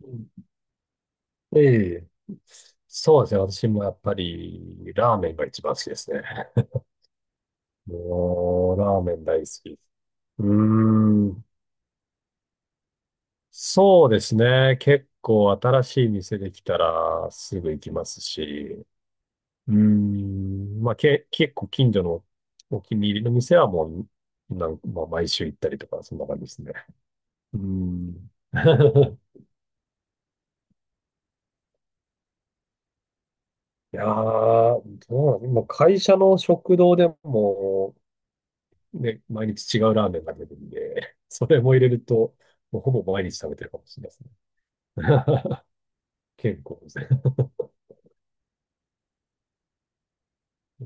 うん、ええ。そうですね。私もやっぱり、ラーメンが一番好きですね。もう、ラーメン大好き。うーん。そうですね。結構新しい店できたらすぐ行きますし。うーん。まあ、結構近所のお気に入りの店はもう、まあ、毎週行ったりとか、そんな感じですね。うーん。いやー、どうなの今、会社の食堂でも、ね、毎日違うラーメンが出てるんで それも入れると、もうほぼ毎日食べてるかもしれないですね。健康ですね。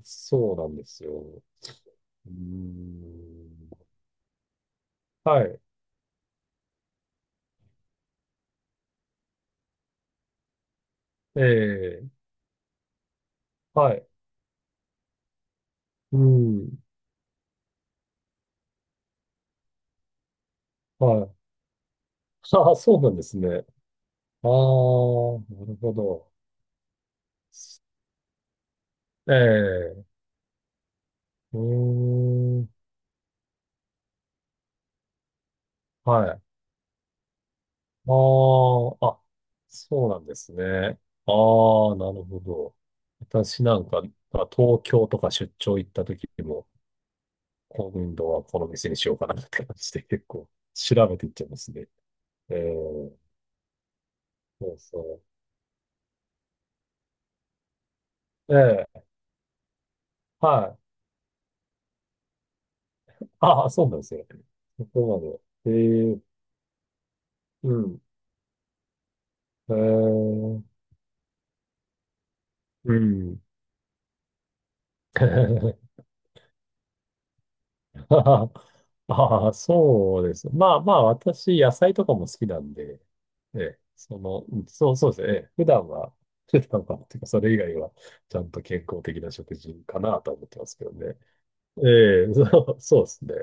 そうなんですよ。うーん。はい。ええ、はい。うん。はい。ああ、そうなんですね。ああ、なるほど。ええ、うーん。はい。ああ、あ、そうなんですね。ああ、なるほど。私なんか、まあ東京とか出張行った時も、今度はこの店にしようかなって感じで結構調べていっちゃいますね。ええ、そうそう。ええ、はい。ああ、そうなんですよ。そこまで。ええ、うん。ええ、うん。ああ、そうです。まあまあ、私、野菜とかも好きなんで、ええ、その、うん、そうですね。ええ、普段は、普段は、てか、それ以外は、ちゃんと健康的な食事かなとは思ってますけどね。ええ、そうですね。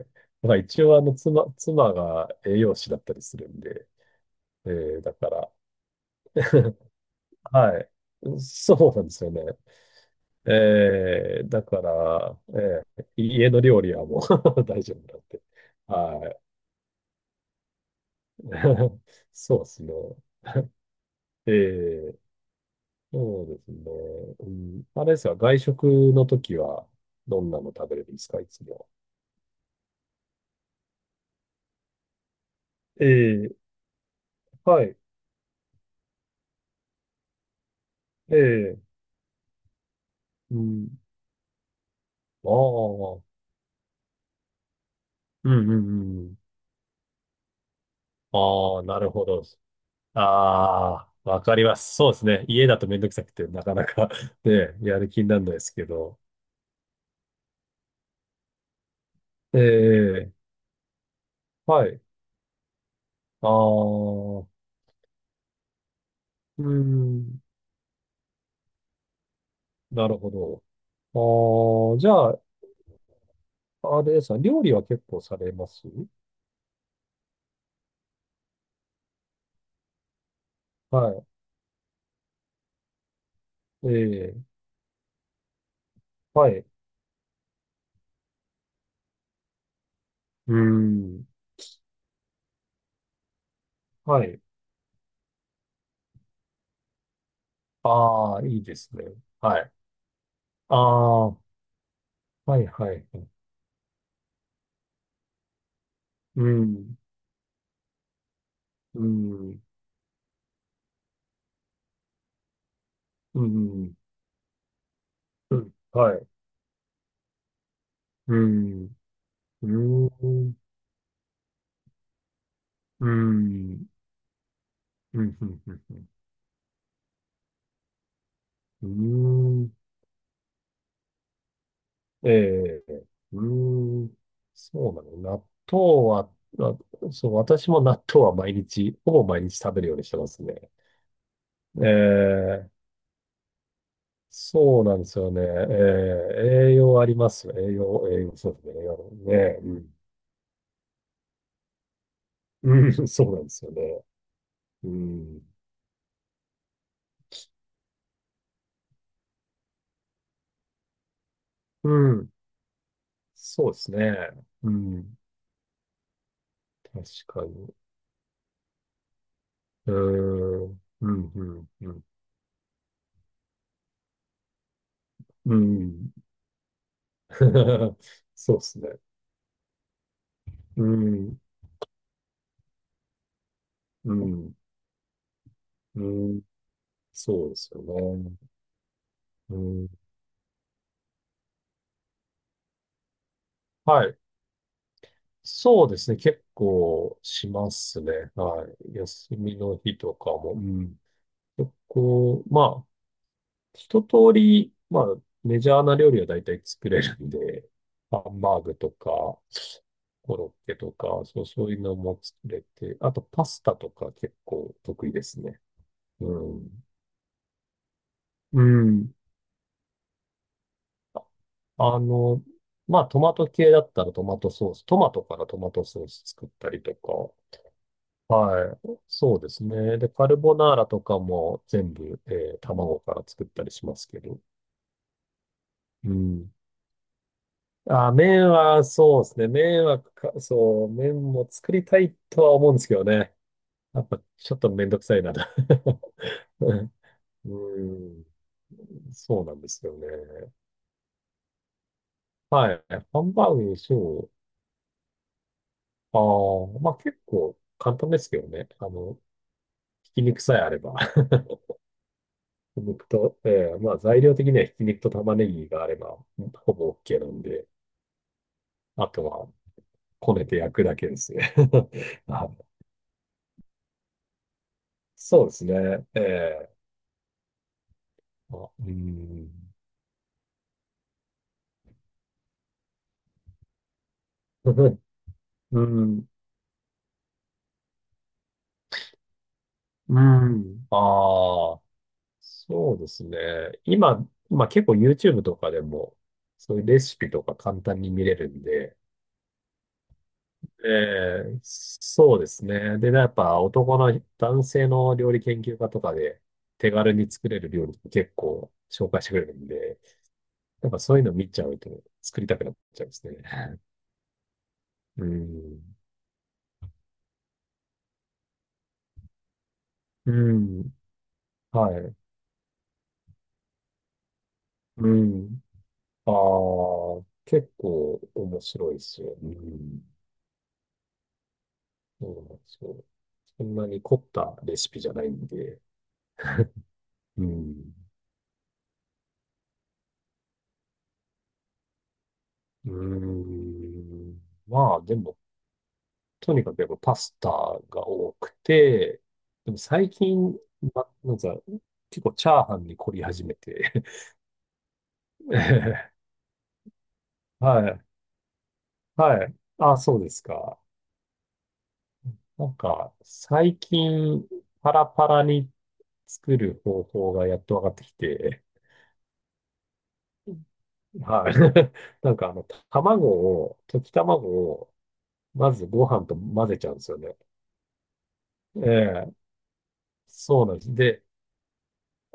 まあ一応あの妻が栄養士だったりするんで、ええ、だから、はい。そうなんですよね。ええ、だから、ええ、家の料理はもう 大丈夫なんで。はい。そうですね。ええ、そうですね。うん、あれですか、外食の時はどんなの食べれるんですか、いつも。ええ、はい。ええ、うん。ああ、うん。ああ、なるほど。ああ、わかります。そうですね。家だとめんどくさくて、なかなか ね、やる気にならないですけど。ええ、はい。ああ、うーん、なるほど。ああ、じゃあ、あれですか、料理は結構されます？はい。ええ、はい。うーん、はい。ああ、いいですね。はい。ああ、はいはい。うん、うん、うん、うん、はい。うん、うーん。うーん。うん、うん、うん、うん。うーん。ええ、うーん。そうなの。納豆は、あそう、私も納豆は毎日、ほぼ毎日食べるようにしてますね。ええ、そうなんですよね。ええ、栄養ありますよ。栄養、栄養、そうですね。栄養ね。うん。うん、そうなんですよね。うん。うん。そうですね。うん。確かに。うーん。うん、うん、うん。うん。そうですね。うん、うん、うん、そうですよね。うん、はい。そうですね。結構しますね。はい。休みの日とかも。うん。結構、まあ、一通り、まあ、メジャーな料理は大体作れるんで、ハンバーグとか、コロッケとか、そう、そういうのも作れて、あとパスタとか結構得意ですね。うん。うん。あの、まあ、トマト系だったらトマトソース、トマトからトマトソース作ったりとか、はい、そうですね。で、カルボナーラとかも全部、卵から作ったりしますけど。うん。あ、麺はそうですね。麺はか、そう、麺も作りたいとは思うんですけどね。やっぱちょっとめんどくさいなと。うん、そうなんですよね。はい。ハンバーグにしよう。ああ、まあ結構簡単ですけどね。あの、ひき肉さえあれば、ひき肉と、ええ、まあ材料的にはひき肉と玉ねぎがあれば、ほぼ OK なんで、あとはこねて焼くだけですね。あ、そうですね。ええ、あ、うん。うん。うん。ああ、そうですね。今、まあ結構 YouTube とかでも、そういうレシピとか簡単に見れるんで、ええ、そうですね。で、やっぱ男性の料理研究家とかで手軽に作れる料理って結構紹介してくれるんで、やっぱそういうの見ちゃうと作りたくなっちゃうんですね。うん。うん。はい。うん。ああ、結構面白いですよ。うん。そうなんですよ。そんなに凝ったレシピじゃないんで。うん。うん。まあ、でも、とにかくやっぱパスタが多くて、でも最近、ま、なんか、結構チャーハンに凝り始めて ええ、はい。はい。あ、そうですか。なんか、最近、パラパラに作る方法がやっと分かってきて、はい。なんかあの、卵溶き卵を、まずご飯と混ぜちゃうんですよね。ええ、そうなんです。で、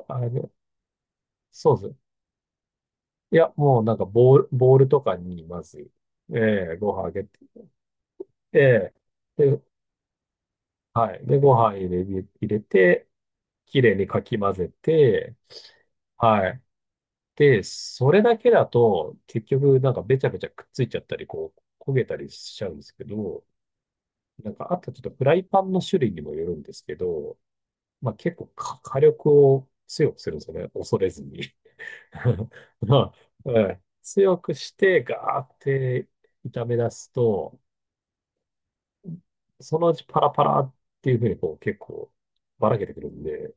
あれ、そうです。いや、もうなんかボールとかにまず、ええ、ご飯あげて、ええ、で、はい。で、ご飯入れ、入れて、きれいにかき混ぜて、はい。で、それだけだと、結局なんかべちゃべちゃくっついちゃったり、こう、焦げたりしちゃうんですけど、なんかあとちょっとフライパンの種類にもよるんですけど、まあ結構火力を強くするんですよね。恐れずに。まあ、うん、強くして、ガーって炒め出すと、そのうちパラパラっていうふうにこう結構ばらけてくるんで、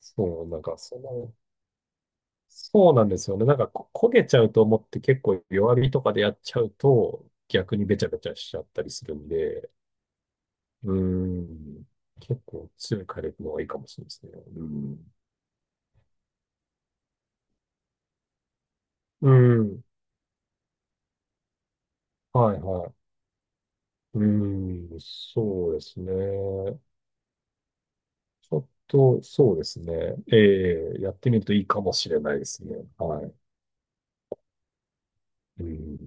そう、なんかその、そうなんですよね。なんか焦げちゃうと思って結構弱火とかでやっちゃうと逆にべちゃべちゃしちゃったりするんで、うーん、結構強い火力の方がいいかもしれないですね。うん。うん。はいはい。うん、そうですね。ちょっと、そうですね。ええ、やってみるといいかもしれないですね。はい。うん